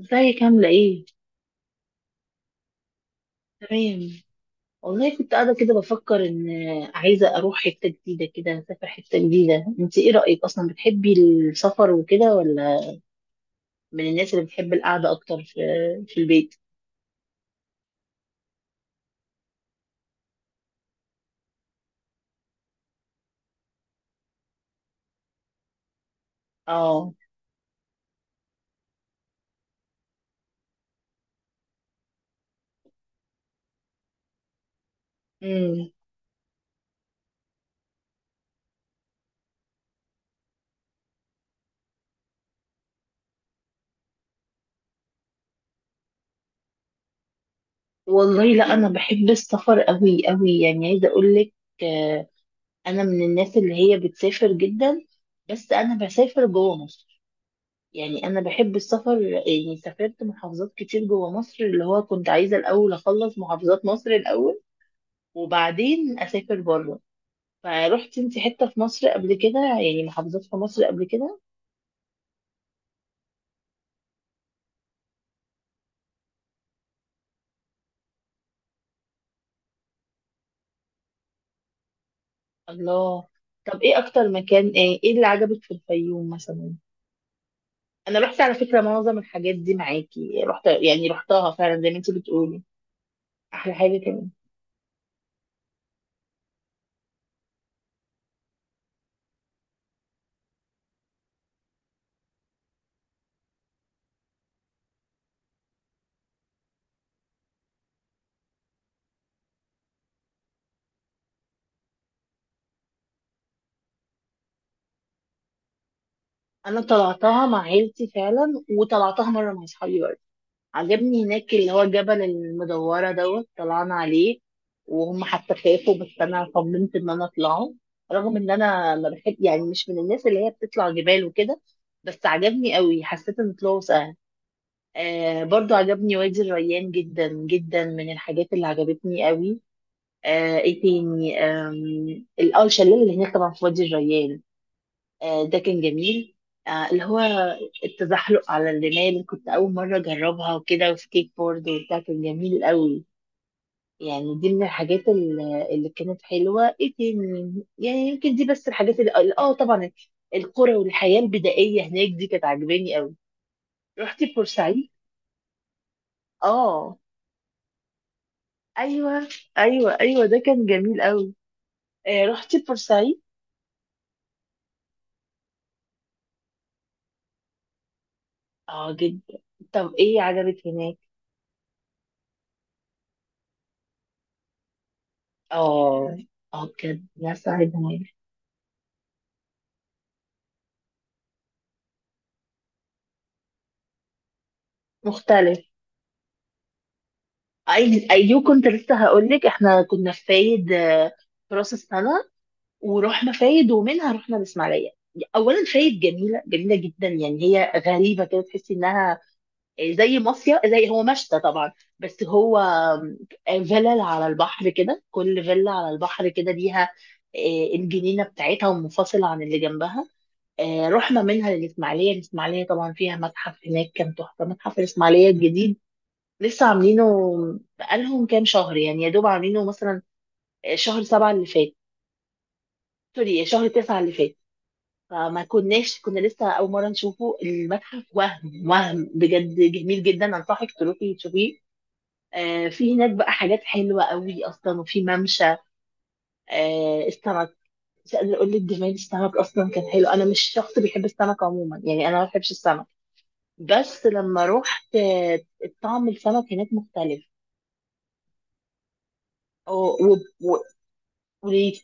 ازيك عاملة ايه؟ تمام. والله كنت قاعدة كده بفكر ان عايزة اروح حتة جديدة كده، اسافر حتة جديدة. انت ايه رأيك اصلا، بتحبي السفر وكده، ولا من الناس اللي بتحب القعدة اكتر في البيت؟ اه. امم. والله لا، انا بحب السفر قوي قوي، يعني عايزة اقولك، آه، انا من الناس اللي هي بتسافر جدا، بس انا بسافر جوه مصر. يعني انا بحب السفر، يعني سافرت محافظات كتير جوه مصر، اللي هو كنت عايزة الاول اخلص محافظات مصر الاول وبعدين اسافر بره. فروحتي انت حته في مصر قبل كده، يعني محافظات في مصر قبل كده؟ الله. طب ايه اكتر مكان، ايه اللي عجبك في الفيوم مثلا؟ انا رحت على فكره معظم الحاجات دي معاكي، رحت يعني رحتها فعلا زي ما انت بتقولي. احلى حاجه كمان، انا طلعتها مع عيلتي فعلا وطلعتها مره مع اصحابي برضه. عجبني هناك اللي هو الجبل المدورة دوت طلعنا عليه، وهم حتى خافوا بس أنا صممت إن أنا أطلعه، رغم إن أنا ما بحب، يعني مش من الناس اللي هي بتطلع جبال وكده، بس عجبني قوي، حسيت إن طلوعه سهل. آه، برضو عجبني وادي الريان جدا جدا، من الحاجات اللي عجبتني قوي. ايه تاني؟ آم، ال- اه الشلال اللي هناك طبعا في وادي الريان، ده كان جميل. اللي هو التزحلق على الرمال كنت أول مرة أجربها وكده، وسكيت بورد وبتاع، كان جميل قوي. يعني دي من الحاجات اللي كانت حلوة. ايه تاني يعني؟ يمكن دي بس الحاجات اللي طبعا القرى والحياة البدائية هناك، دي كانت عاجباني قوي. رحتي بورسعيد؟ اه. ايوه، ايوه، ايوه، ده كان جميل قوي. رحتي بورسعيد؟ اه، جدا. طب ايه عجبك هناك؟ اه. اه، كانت ناس عايزة. مختلف. اي ايوه، كنت لسه هقول لك احنا كنا في فايد، في راس السنه، ورحنا فايد ومنها رحنا الاسماعيليه. اولا فايد جميله، جميله جدا. يعني هي غريبه كده، تحسي انها زي مصيف، زي هو مشتى طبعا، بس هو فيلل على البحر كده، كل فيلا على البحر كده ليها الجنينه بتاعتها ومنفصله عن اللي جنبها. رحنا منها للاسماعيليه. الاسماعيليه طبعا فيها متحف هناك، كان تحفه، متحف الاسماعيليه الجديد. لسه عاملينه بقالهم كام شهر، يعني يا دوب عاملينه مثلا شهر 7 اللي فات، سوري شهر 9 اللي فات. فما كناش، كنا لسه أول مرة نشوفه المتحف، وهم بجد جميل جدا، أنصحك تروحي تشوفيه. في هناك بقى حاجات حلوة قوي أصلا، وفي ممشى. السمك، مش قادرة أقول لك جمال السمك أصلا، كان حلو. أنا مش شخص بيحب السمك عموما، يعني أنا ما بحبش السمك، بس لما روحت طعم السمك هناك مختلف. و- و-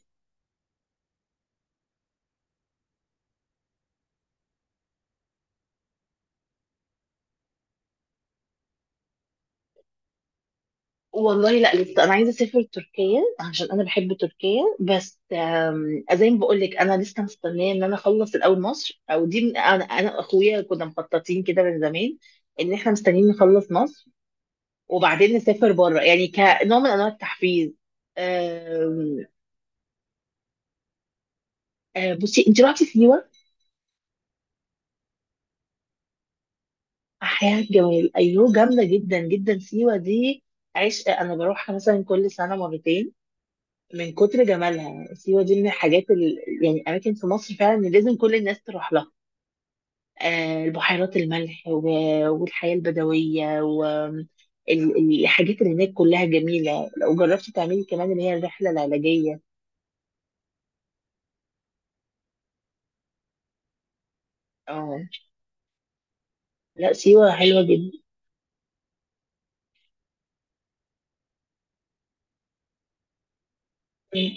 والله لا، لسه انا عايزه اسافر تركيا عشان انا بحب تركيا، بس زي ما بقول لك انا لسه مستنيه ان انا اخلص الاول مصر، او دي من انا واخويا كنا مخططين كده من زمان ان احنا مستنيين نخلص مصر وبعدين نسافر بره، يعني كنوع من انواع التحفيز. آم، آه، بصي انت رحتي سيوه؟ احياء جمال، ايوه، جامده جدا جدا سيوه دي، عشق. انا بروحها مثلا كل سنه مرتين من كتر جمالها. سيوة دي من الحاجات يعني أماكن في مصر فعلا اللي لازم كل الناس تروح لها. البحيرات، الملح، و... والحياة البدوية، والحاجات اللي هناك كلها جميلة، لو جربتي تعملي كمان اللي هي الرحلة العلاجية. اه، لا سيوة حلوة جدا. مم.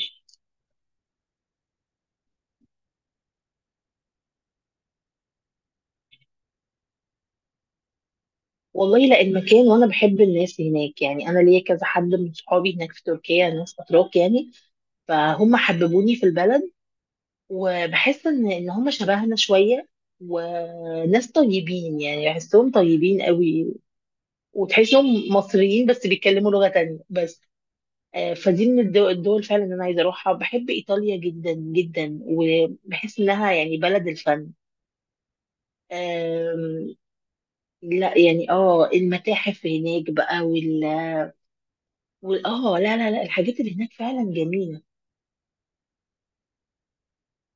والله لا، المكان، وانا بحب الناس هناك، يعني انا ليا كذا حد من صحابي هناك في تركيا، ناس اتراك يعني، فهم حببوني في البلد، وبحس ان هم شبهنا شويه وناس طيبين، يعني بحسهم طيبين قوي، وتحسهم مصريين بس بيتكلموا لغه تانية بس. فدي من الدول فعلا اللي انا عايزه اروحها. بحب ايطاليا جدا جدا، وبحس انها يعني بلد الفن. آم، لا يعني، المتاحف هناك بقى، لا لا لا، الحاجات اللي هناك فعلا جميله.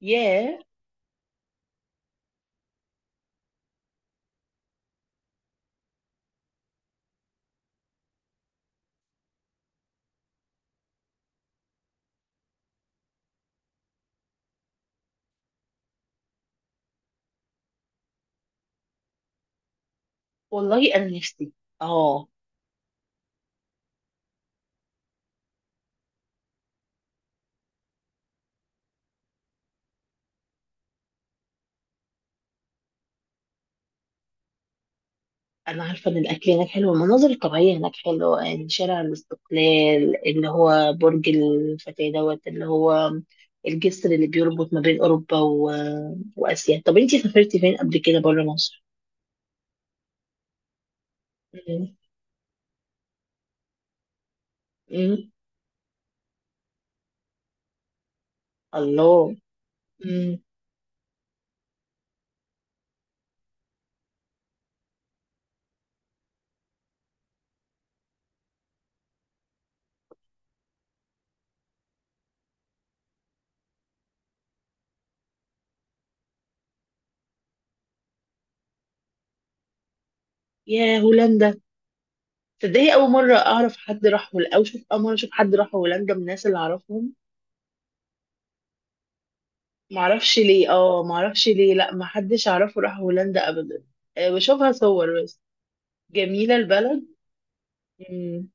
ياه. والله انا نفسي. اه، انا عارفه ان الاكل هناك حلو، المناظر الطبيعيه هناك حلوه، يعني شارع الاستقلال اللي هو برج الفتاه دوت اللي هو الجسر اللي بيربط ما بين اوروبا واسيا. طب انتي سافرتي فين قبل كده بره مصر؟ مم. مم. الله. مم. يا هولندا. تصدقي اول مره اعرف حد راح هولندا، او شوف اول مره اشوف حد راح هولندا من الناس اللي اعرفهم. معرفش ليه، معرفش ليه، لا محدش اعرفه راح هولندا ابدا. بشوفها صور بس. جميله البلد. مم.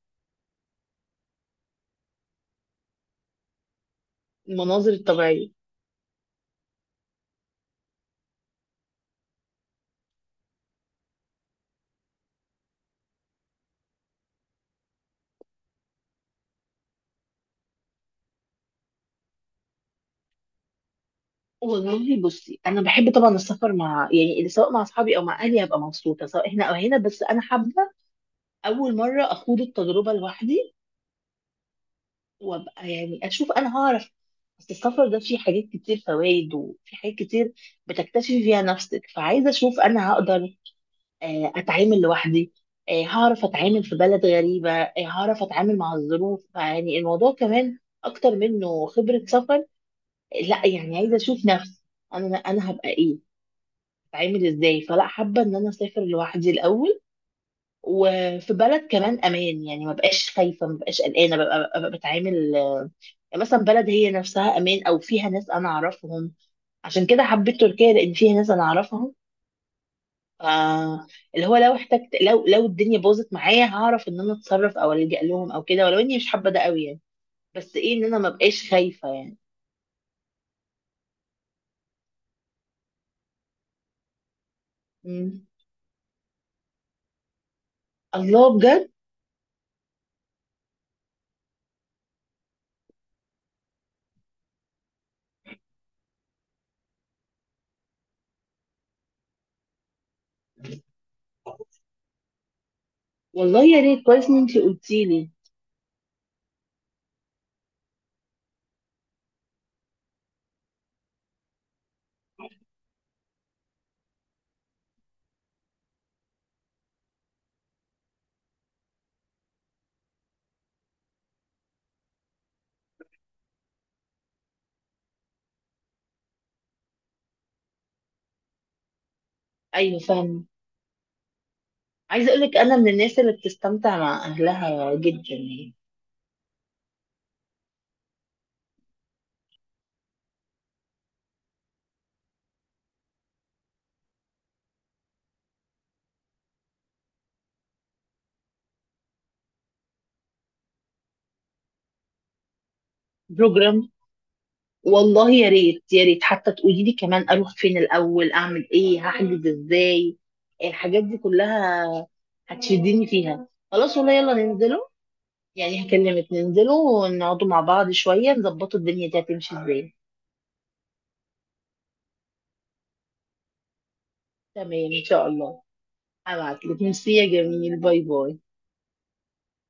المناظر الطبيعية. والله بصي انا بحب طبعا السفر مع، يعني سواء مع اصحابي او مع اهلي هبقى مبسوطه، سواء هنا او هنا، بس انا حابه اول مره اخوض التجربه لوحدي وابقى، يعني اشوف انا هعرف. بس السفر ده فيه حاجات كتير فوائد، وفي حاجات كتير بتكتشفي فيها نفسك، فعايزه اشوف انا هقدر اتعامل لوحدي، هعرف اتعامل في بلد غريبه، هعرف اتعامل مع الظروف. يعني الموضوع كمان اكتر منه خبره سفر، لا يعني عايزه اشوف نفسي انا، انا هبقى ايه، هتعمل ازاي. فلا، حابه ان انا اسافر لوحدي الاول، وفي بلد كمان امان، يعني ما بقاش خايفه، ما بقاش قلقانه، ببقى بتعامل. مثلا بلد هي نفسها امان او فيها ناس انا اعرفهم، عشان كده حبيت تركيا لان فيها ناس انا اعرفهم. آه، اللي هو لو احتجت، لو الدنيا باظت معايا هعرف ان انا اتصرف او الجا لهم او كده، ولو اني مش حابه ده قوي، يعني بس ايه ان انا ما بقاش خايفه يعني. مم. الله بجد. والله يا ريت، كويس ان انت قلتي لي. ايوه فاهمه. عايزه اقول لك انا من الناس اللي بتستمتع مع اهلها جدا يعني. بروجرام. والله يا ريت يا ريت، حتى تقولي لي كمان اروح فين الاول، اعمل ايه، هحجز ازاي، الحاجات دي كلها هتشدني فيها. خلاص والله، يلا ننزله، يعني هكلمك ننزله ونقعدوا مع بعض شويه نظبطوا الدنيا دي هتمشي ازاي. تمام ان شاء الله. هبعتلك، ميرسي يا جميل، باي باي.